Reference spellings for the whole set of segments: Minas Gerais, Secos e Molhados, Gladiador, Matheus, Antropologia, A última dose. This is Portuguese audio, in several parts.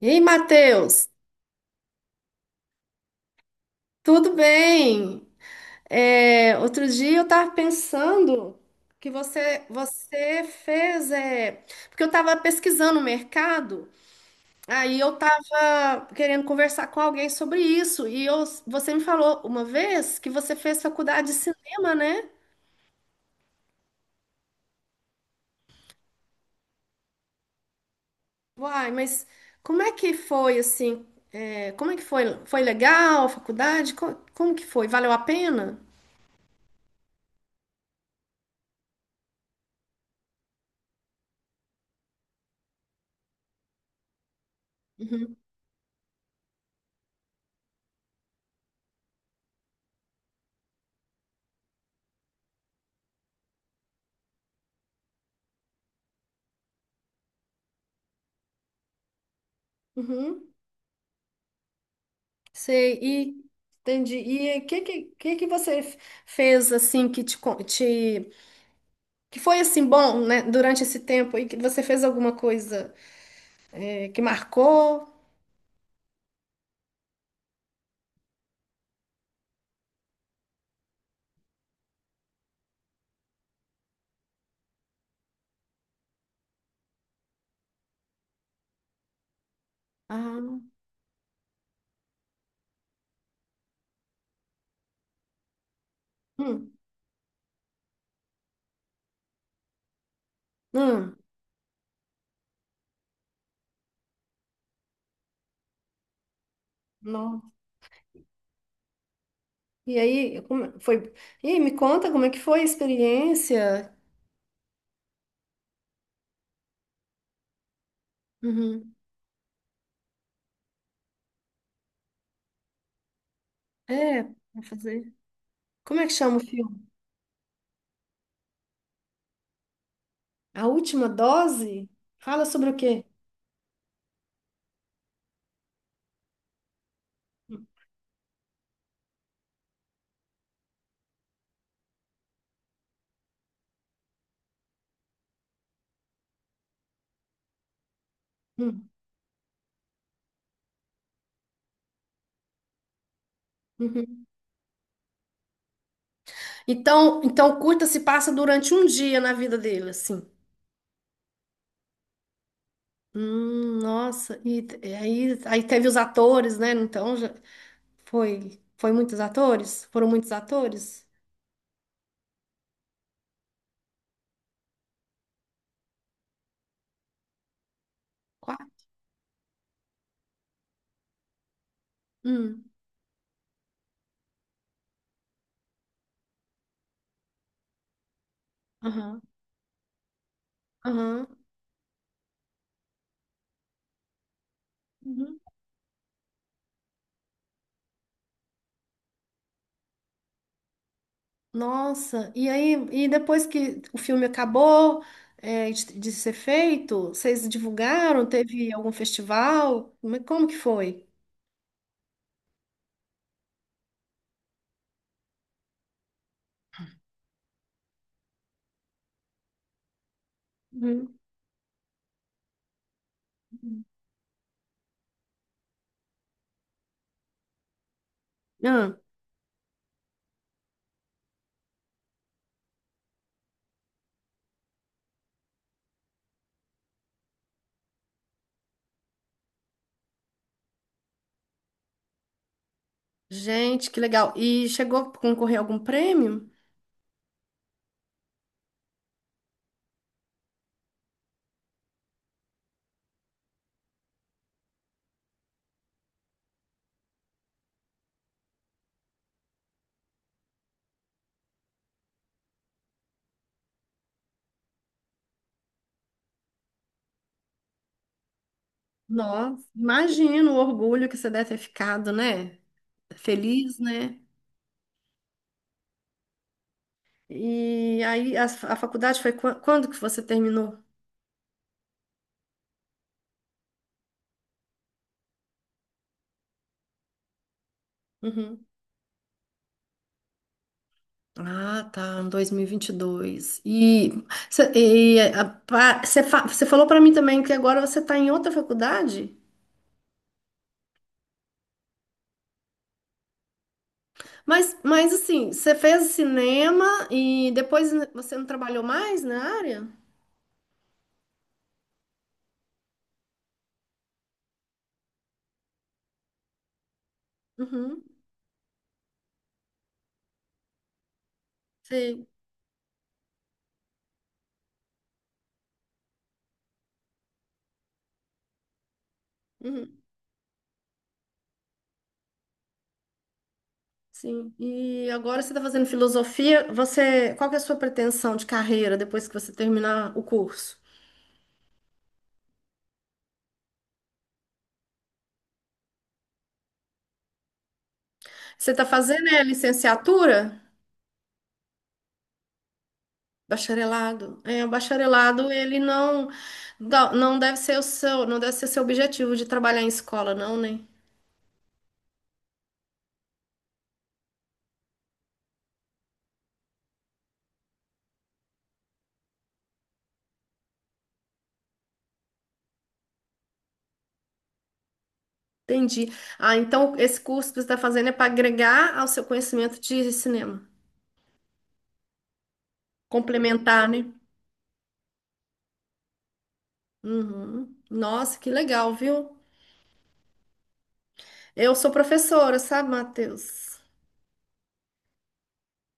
Ei, Matheus, tudo bem? É, outro dia eu estava pensando que você fez, porque eu estava pesquisando o mercado, aí eu estava querendo conversar com alguém sobre isso, e você me falou uma vez que você fez faculdade de cinema, né? Uai, mas como é que foi assim? Como é que foi? Foi legal a faculdade? Como, que foi? Valeu a pena? Uhum. Uhum. Sei, e entendi. E o que que você fez assim que te, que foi assim bom, né, durante esse tempo e que você fez alguma coisa, que marcou? Ah, hum, hum, não. E aí, como foi? E aí, me conta como é que foi a experiência? Uhum. É, vai fazer. Como é que chama o filme? A última dose? Fala sobre o quê? Hum, hum, uhum. Então, então curta se passa durante um dia na vida dele, assim. Nossa, e e aí, aí teve os atores, né? Então já foi muitos atores? Foram muitos atores? Quatro? Hum, aham, aham. Uhum. Nossa, e aí, e depois que o filme acabou, é, de ser feito, vocês divulgaram? Teve algum festival? Como é, como que foi? Uhum. Ah, gente, que legal. E chegou a concorrer a algum prêmio? Nossa, imagino o orgulho que você deve ter ficado, né? Feliz, né? E aí a faculdade foi quando que você terminou? Uhum. Ah, tá, em 2022. E 22. E você falou para mim também que agora você está em outra faculdade? Mas assim, você fez cinema e depois você não trabalhou mais na área? Uhum, sei. Uhum, sim. E agora você está fazendo filosofia. Você, qual que é a sua pretensão de carreira depois que você terminar o curso? Você está fazendo é licenciatura? Bacharelado. É, o bacharelado, ele não não deve ser o seu, não deve ser seu objetivo de trabalhar em escola, não, né? Entendi. Ah, então esse curso que você está fazendo é para agregar ao seu conhecimento de cinema, complementar, né? Uhum. Nossa, que legal, viu? Eu sou professora, sabe, Matheus?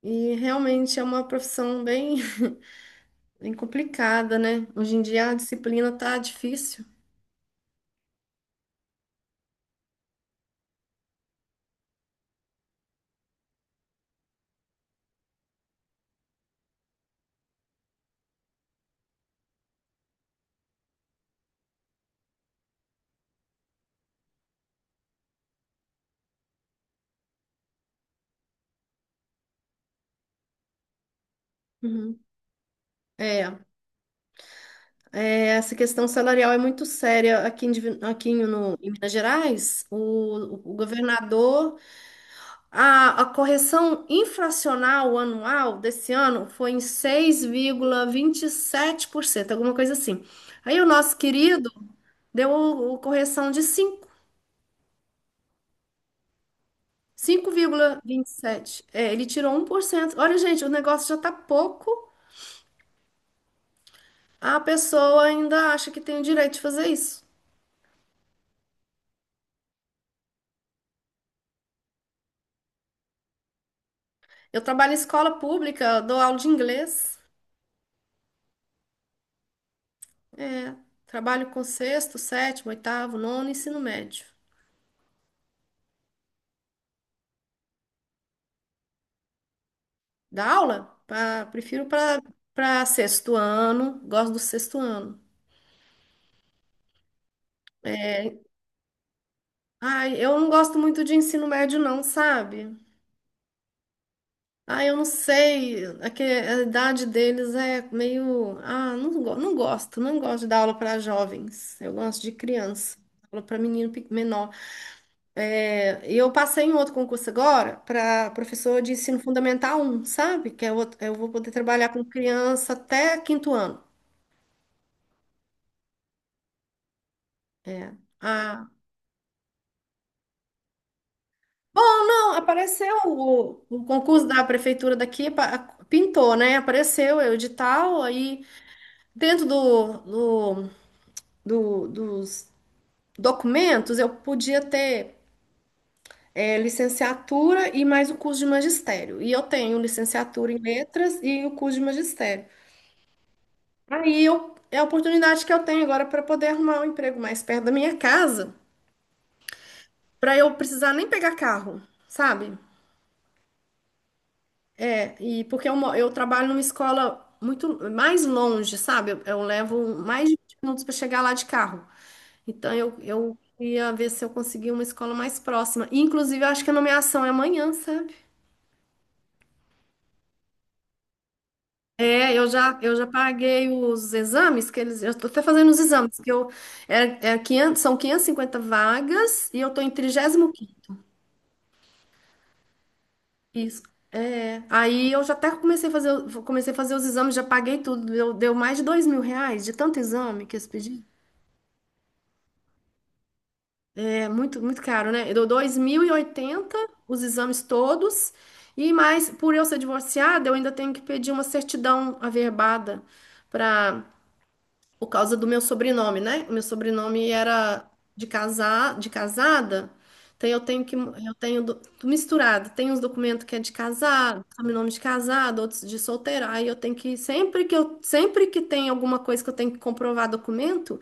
E realmente é uma profissão bem, bem complicada, né? Hoje em dia a disciplina tá difícil. Uhum. É. Essa questão salarial é muito séria aqui em, aqui no, em Minas Gerais. O governador, a correção inflacional anual desse ano foi em 6,27%, alguma coisa assim. Aí o nosso querido deu o correção de 5, 5,27. É, ele tirou 1%. Olha, gente, o negócio já tá pouco, a pessoa ainda acha que tem o direito de fazer isso. Eu trabalho em escola pública, eu dou aula de inglês. Trabalho com sexto, sétimo, oitavo, nono, ensino médio. Dá aula? Prefiro para sexto ano, gosto do sexto ano. É, ai, eu não gosto muito de ensino médio, não, sabe? Ai, eu não sei. É que a idade deles é meio. Ah, não, não gosto. Não gosto de dar aula para jovens. Eu gosto de criança. Aula para menino menor. Eu passei em outro concurso agora para professor de ensino fundamental um, sabe? Que é outro, eu vou poder trabalhar com criança até quinto ano. Ah, bom, não, apareceu o concurso da prefeitura daqui, pintou, né? Apareceu o edital, aí dentro dos documentos eu podia ter, é, licenciatura e mais o curso de magistério. E eu tenho licenciatura em letras e o curso de magistério. Aí eu, é a oportunidade que eu tenho agora para poder arrumar um emprego mais perto da minha casa, para eu precisar nem pegar carro, sabe? É, e porque eu, eu trabalho numa escola muito mais longe, sabe? Eu levo mais de 20 minutos para chegar lá de carro. Então eu, queria ver se eu conseguia uma escola mais próxima. Inclusive, eu acho que a nomeação é amanhã, sabe? É, eu já paguei os exames que eles. Eu tô até fazendo os exames, que eu. É, é 500, são 550 vagas e eu tô em 35. Isso. É. Aí eu já até comecei a fazer, comecei a fazer os exames, já paguei tudo. Deu mais de R$ 2.000 de tanto exame que eles pediram. É muito, muito caro, né? Deu 2.080 os exames todos. E mais, por eu ser divorciada, eu ainda tenho que pedir uma certidão averbada, para, por causa do meu sobrenome, né? O meu sobrenome era de casar, de casada. Então eu tenho que eu tenho misturado, tem uns documentos que é de casado, sobrenome de casado, outros de solteira. Aí eu tenho que, sempre que tem alguma coisa que eu tenho que comprovar documento,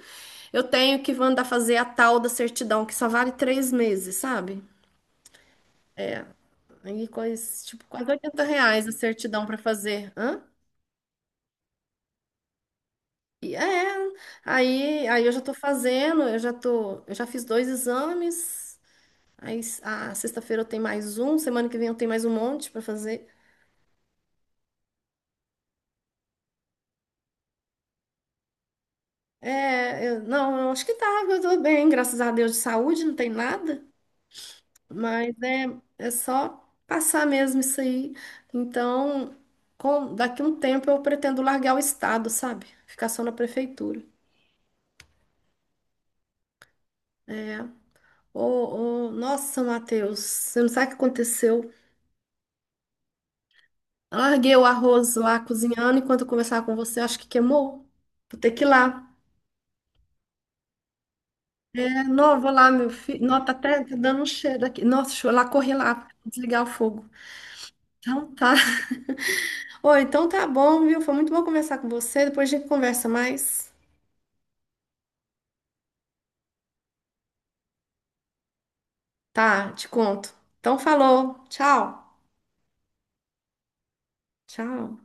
eu tenho que mandar fazer a tal da certidão, que só vale 3 meses, sabe? Aí coisa tipo quase R$ 80 a certidão para fazer, hã? E é, aí, eu já tô fazendo, eu já fiz dois exames. Aí a sexta-feira eu tenho mais um, semana que vem eu tenho mais um monte para fazer. É, não, eu acho que tá, eu tô bem, graças a Deus, de saúde, não tem nada, mas é, é só passar mesmo isso aí. Então, daqui um tempo eu pretendo largar o estado, sabe? Ficar só na prefeitura. É. Ô, nossa, Matheus, você não sabe o que aconteceu? Eu larguei o arroz lá cozinhando enquanto eu conversava com você, acho que queimou. Vou ter que ir lá. Não, vou lá, meu filho. Nossa, tá, até tá dando um cheiro aqui. Nossa, deixa eu lá, correr lá, pra desligar o fogo. Então tá. Oi, então tá bom, viu? Foi muito bom conversar com você. Depois a gente conversa mais. Tá, te conto. Então falou. Tchau. Tchau.